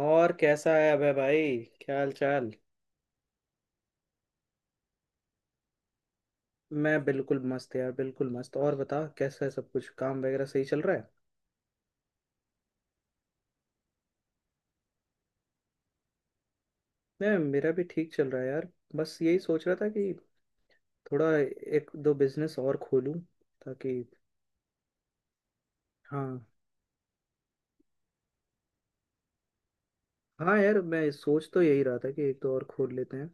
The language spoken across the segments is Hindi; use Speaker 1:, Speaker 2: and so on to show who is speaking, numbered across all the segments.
Speaker 1: और कैसा है अबे भाई, क्या हाल चाल? मैं बिल्कुल मस्त यार, बिल्कुल मस्त। और बता, कैसा है सब कुछ? काम वगैरह सही चल रहा है? नहीं, मेरा भी ठीक चल रहा है यार। बस यही सोच रहा था कि थोड़ा एक दो बिजनेस और खोलूं, ताकि। हाँ। हाँ यार, मैं सोच तो यही रहा था कि एक दो और खोल लेते हैं।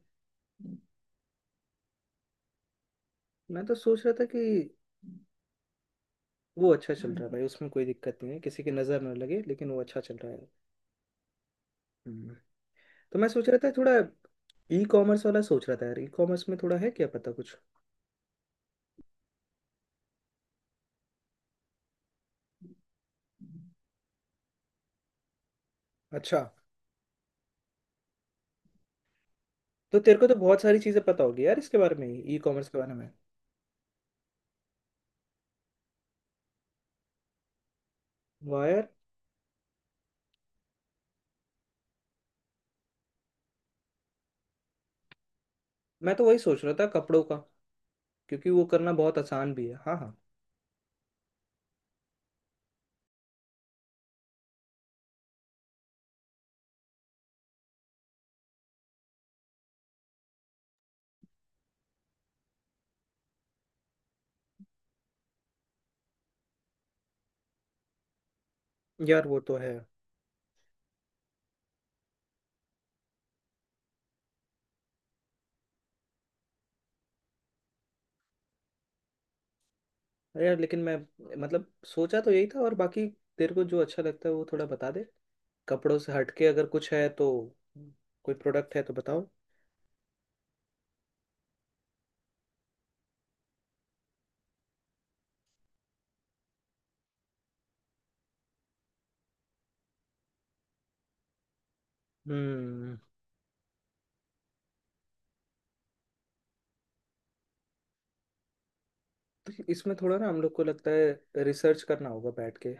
Speaker 1: मैं तो सोच रहा था कि। वो अच्छा चल रहा है भाई, उसमें कोई दिक्कत नहीं है, किसी की नज़र ना लगे, लेकिन वो अच्छा चल रहा है। हम्म। तो मैं सोच रहा था थोड़ा। ई कॉमर्स वाला सोच रहा था यार, ई कॉमर्स में थोड़ा है, क्या पता कुछ। अच्छा। तो तेरे को तो बहुत सारी चीजें पता होगी यार, इसके बारे में, ई कॉमर्स के बारे में। वाह यार। मैं तो वही सोच रहा था, कपड़ों का। क्योंकि वो करना बहुत आसान भी है। हाँ, हाँ। यार वो तो है। अरे यार लेकिन मैं। मतलब सोचा तो यही था और बाकी। तेरे को जो अच्छा लगता है वो थोड़ा बता दे। कपड़ों से हटके अगर कुछ है तो। कोई प्रोडक्ट है तो बताओ। हम्म। तो इसमें थोड़ा ना हम लोग को लगता है रिसर्च करना होगा बैठ के।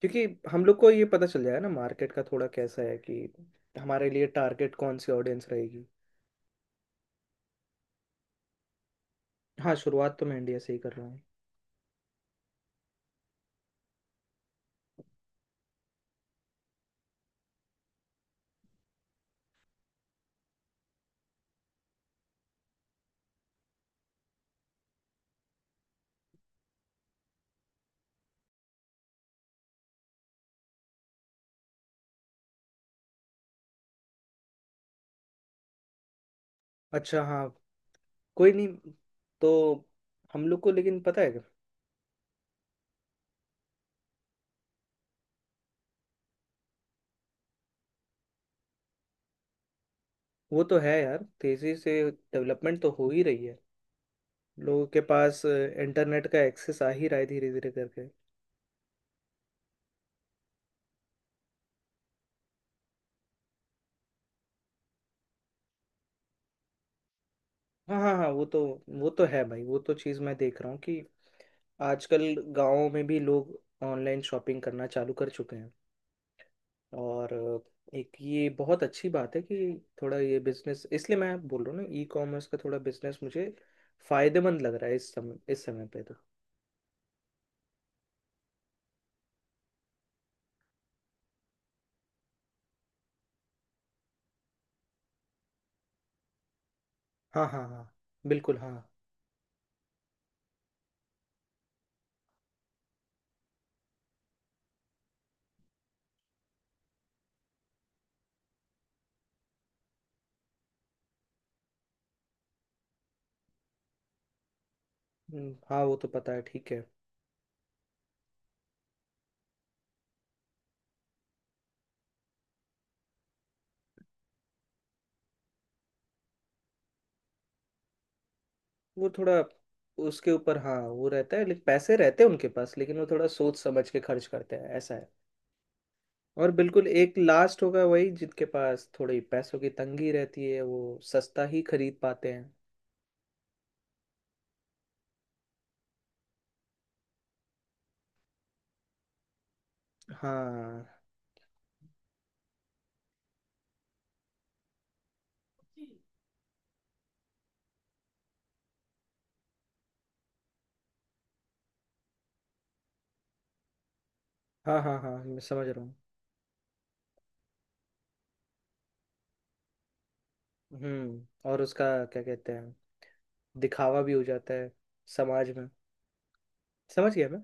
Speaker 1: क्योंकि हम लोग को ये पता चल जाएगा ना मार्केट का थोड़ा कैसा है कि हमारे लिए टारगेट कौन सी ऑडियंस रहेगी। हाँ, शुरुआत तो मैं इंडिया से ही कर रहा हूँ। अच्छा। हाँ। कोई नहीं। तो हम लोग को लेकिन पता है क्या? वो तो है यार, तेजी से डेवलपमेंट तो हो ही रही है। लोगों के पास इंटरनेट का एक्सेस आ ही रहा है धीरे धीरे करके। हाँ, हाँ, हाँ, वो तो। वो तो है भाई, वो तो चीज़ मैं देख रहा हूँ कि आजकल गाँव में भी लोग ऑनलाइन शॉपिंग करना चालू कर चुके हैं। और एक ये बहुत अच्छी बात है कि थोड़ा ये बिजनेस, इसलिए मैं बोल रहा हूँ ना, ई कॉमर्स का थोड़ा बिजनेस मुझे फायदेमंद लग रहा है इस समय, इस समय पे तो। हाँ, हाँ, हाँ, बिल्कुल हाँ। हाँ वो तो पता है, ठीक है। वो थोड़ा उसके ऊपर, हाँ वो रहता है लेकिन पैसे रहते हैं उनके पास, लेकिन वो थोड़ा सोच समझ के खर्च करते हैं ऐसा है। और बिल्कुल एक लास्ट होगा वही, जिनके पास थोड़ी पैसों की तंगी रहती है, वो सस्ता ही खरीद पाते हैं। हाँ, हाँ, हाँ, हाँ, मैं समझ रहा हूँ। और उसका, क्या कहते हैं, दिखावा भी हो जाता है समाज में। समझ गया मैं।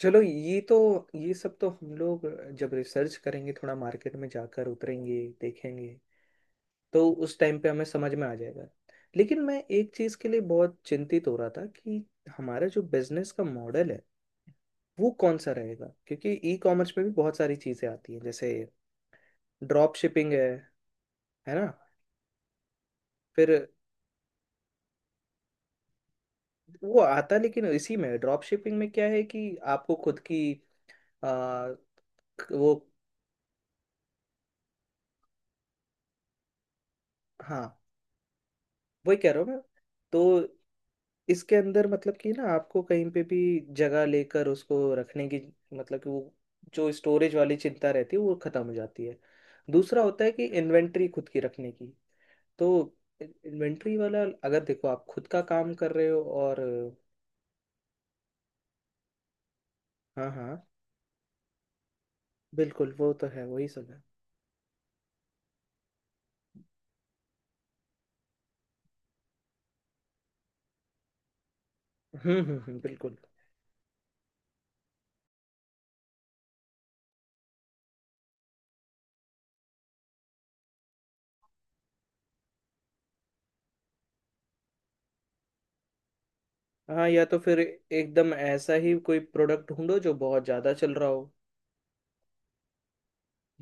Speaker 1: चलो, ये तो, ये सब तो हम लोग जब रिसर्च करेंगे, थोड़ा मार्केट में जाकर उतरेंगे, देखेंगे। तो उस टाइम पे हमें समझ में आ जाएगा। लेकिन मैं एक चीज़ के लिए बहुत चिंतित हो रहा था कि हमारा जो बिजनेस का मॉडल है वो कौन सा रहेगा, क्योंकि ई कॉमर्स में भी बहुत सारी चीज़ें आती हैं, जैसे ड्रॉप शिपिंग है ना? फिर। वो आता लेकिन इसी में ड्रॉप शिपिंग में क्या है कि आपको खुद की आ, वो। हाँ, वही कह रहा हूँ मैं। तो इसके अंदर मतलब कि ना आपको कहीं पे भी जगह लेकर उसको रखने की, मतलब कि वो जो स्टोरेज वाली चिंता रहती है वो खत्म हो जाती है। दूसरा होता है कि इन्वेंट्री खुद की रखने की। तो इन्वेंट्री वाला अगर देखो, आप खुद का काम कर रहे हो और। हाँ, हाँ। बिल्कुल, वो तो है, वही सब है। हम्म, हम्म, हम्म, बिल्कुल। हाँ, या तो फिर एकदम ऐसा ही कोई प्रोडक्ट ढूंढो जो बहुत ज़्यादा चल रहा हो।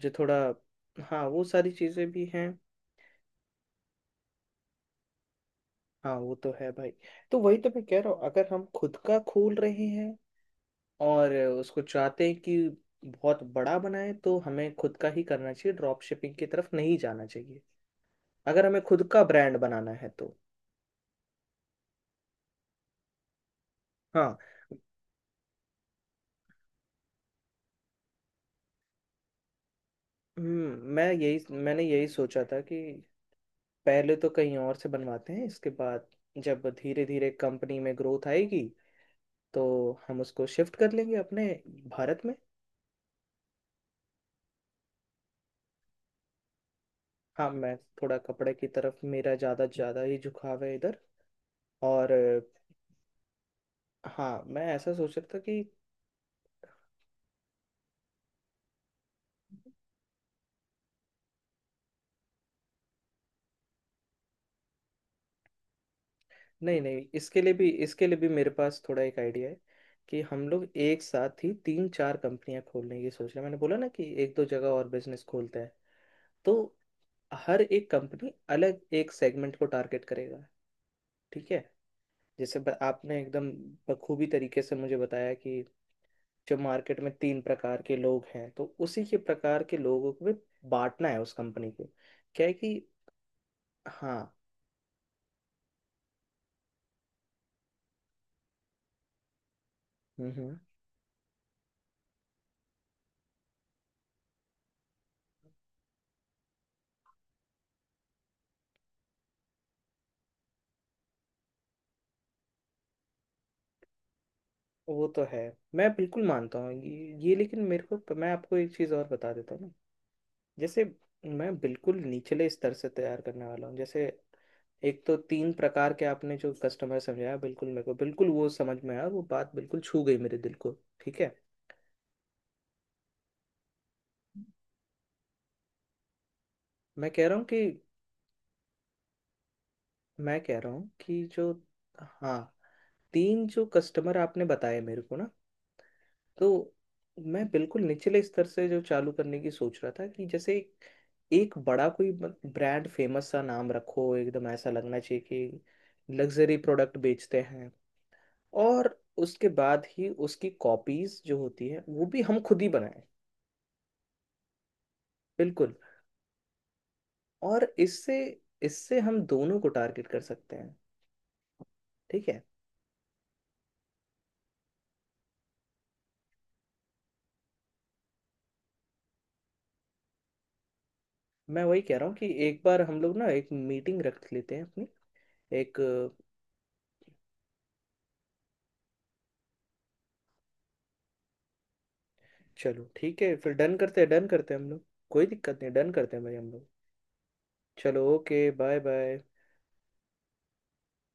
Speaker 1: जो थोड़ा। हाँ, वो सारी चीज़ें भी हैं। हाँ, वो तो है भाई। तो वही तो मैं कह रहा हूँ, अगर हम खुद का खोल रहे हैं और उसको चाहते हैं कि बहुत बड़ा बनाए तो हमें खुद का ही करना चाहिए, ड्रॉप शिपिंग की तरफ नहीं जाना चाहिए, अगर हमें खुद का ब्रांड बनाना है तो। हाँ। मैंने यही सोचा था कि पहले तो कहीं और से बनवाते हैं, इसके बाद जब धीरे धीरे कंपनी में ग्रोथ आएगी तो हम उसको शिफ्ट कर लेंगे अपने भारत में। हाँ, मैं थोड़ा कपड़े की तरफ मेरा ज़्यादा ज़्यादा ही झुकाव है इधर, और। हाँ, मैं ऐसा सोच रहा था कि। नहीं नहीं, इसके लिए भी इसके लिए भी मेरे पास थोड़ा एक आइडिया है कि हम लोग एक साथ ही तीन चार कंपनियां खोलने की सोच रहे हैं, मैंने बोला ना कि एक दो जगह और बिजनेस खोलते हैं। तो हर एक कंपनी अलग एक सेगमेंट को टारगेट करेगा, ठीक है। जैसे आपने एकदम बखूबी तरीके से मुझे बताया कि जो मार्केट में तीन प्रकार के लोग हैं, तो उसी के प्रकार के लोगों को भी बांटना है उस कंपनी को। क्या है कि। हाँ, हम्म, हम्म। वो तो है, मैं बिल्कुल मानता हूँ ये लेकिन मेरे को, मैं आपको एक चीज़ और बता देता हूँ ना। जैसे, मैं बिल्कुल निचले स्तर से तैयार करने वाला हूँ। जैसे एक, तो तीन प्रकार के आपने जो कस्टमर समझाया बिल्कुल मेरे को, बिल्कुल वो समझ में आया और वो बात बिल्कुल छू गई मेरे दिल को, ठीक है। मैं कह रहा हूँ कि। मैं कह रहा हूँ कि जो। हाँ, तीन जो कस्टमर आपने बताए मेरे को ना। तो मैं बिल्कुल निचले स्तर से जो चालू करने की सोच रहा था, कि जैसे एक बड़ा कोई ब्रांड फेमस सा नाम रखो, एकदम ऐसा लगना चाहिए कि लग्जरी प्रोडक्ट बेचते हैं। और उसके बाद ही उसकी कॉपीज जो होती है वो भी हम खुद ही बनाएं। बिल्कुल। और इससे इससे हम दोनों को टारगेट कर सकते हैं, ठीक है। मैं वही कह रहा हूँ कि एक बार हम लोग ना एक मीटिंग रख लेते हैं अपनी एक। चलो ठीक है, फिर डन करते हैं, डन करते हैं हम लोग। कोई दिक्कत नहीं, डन करते हैं भाई हम लोग। चलो, ओके। Bye bye.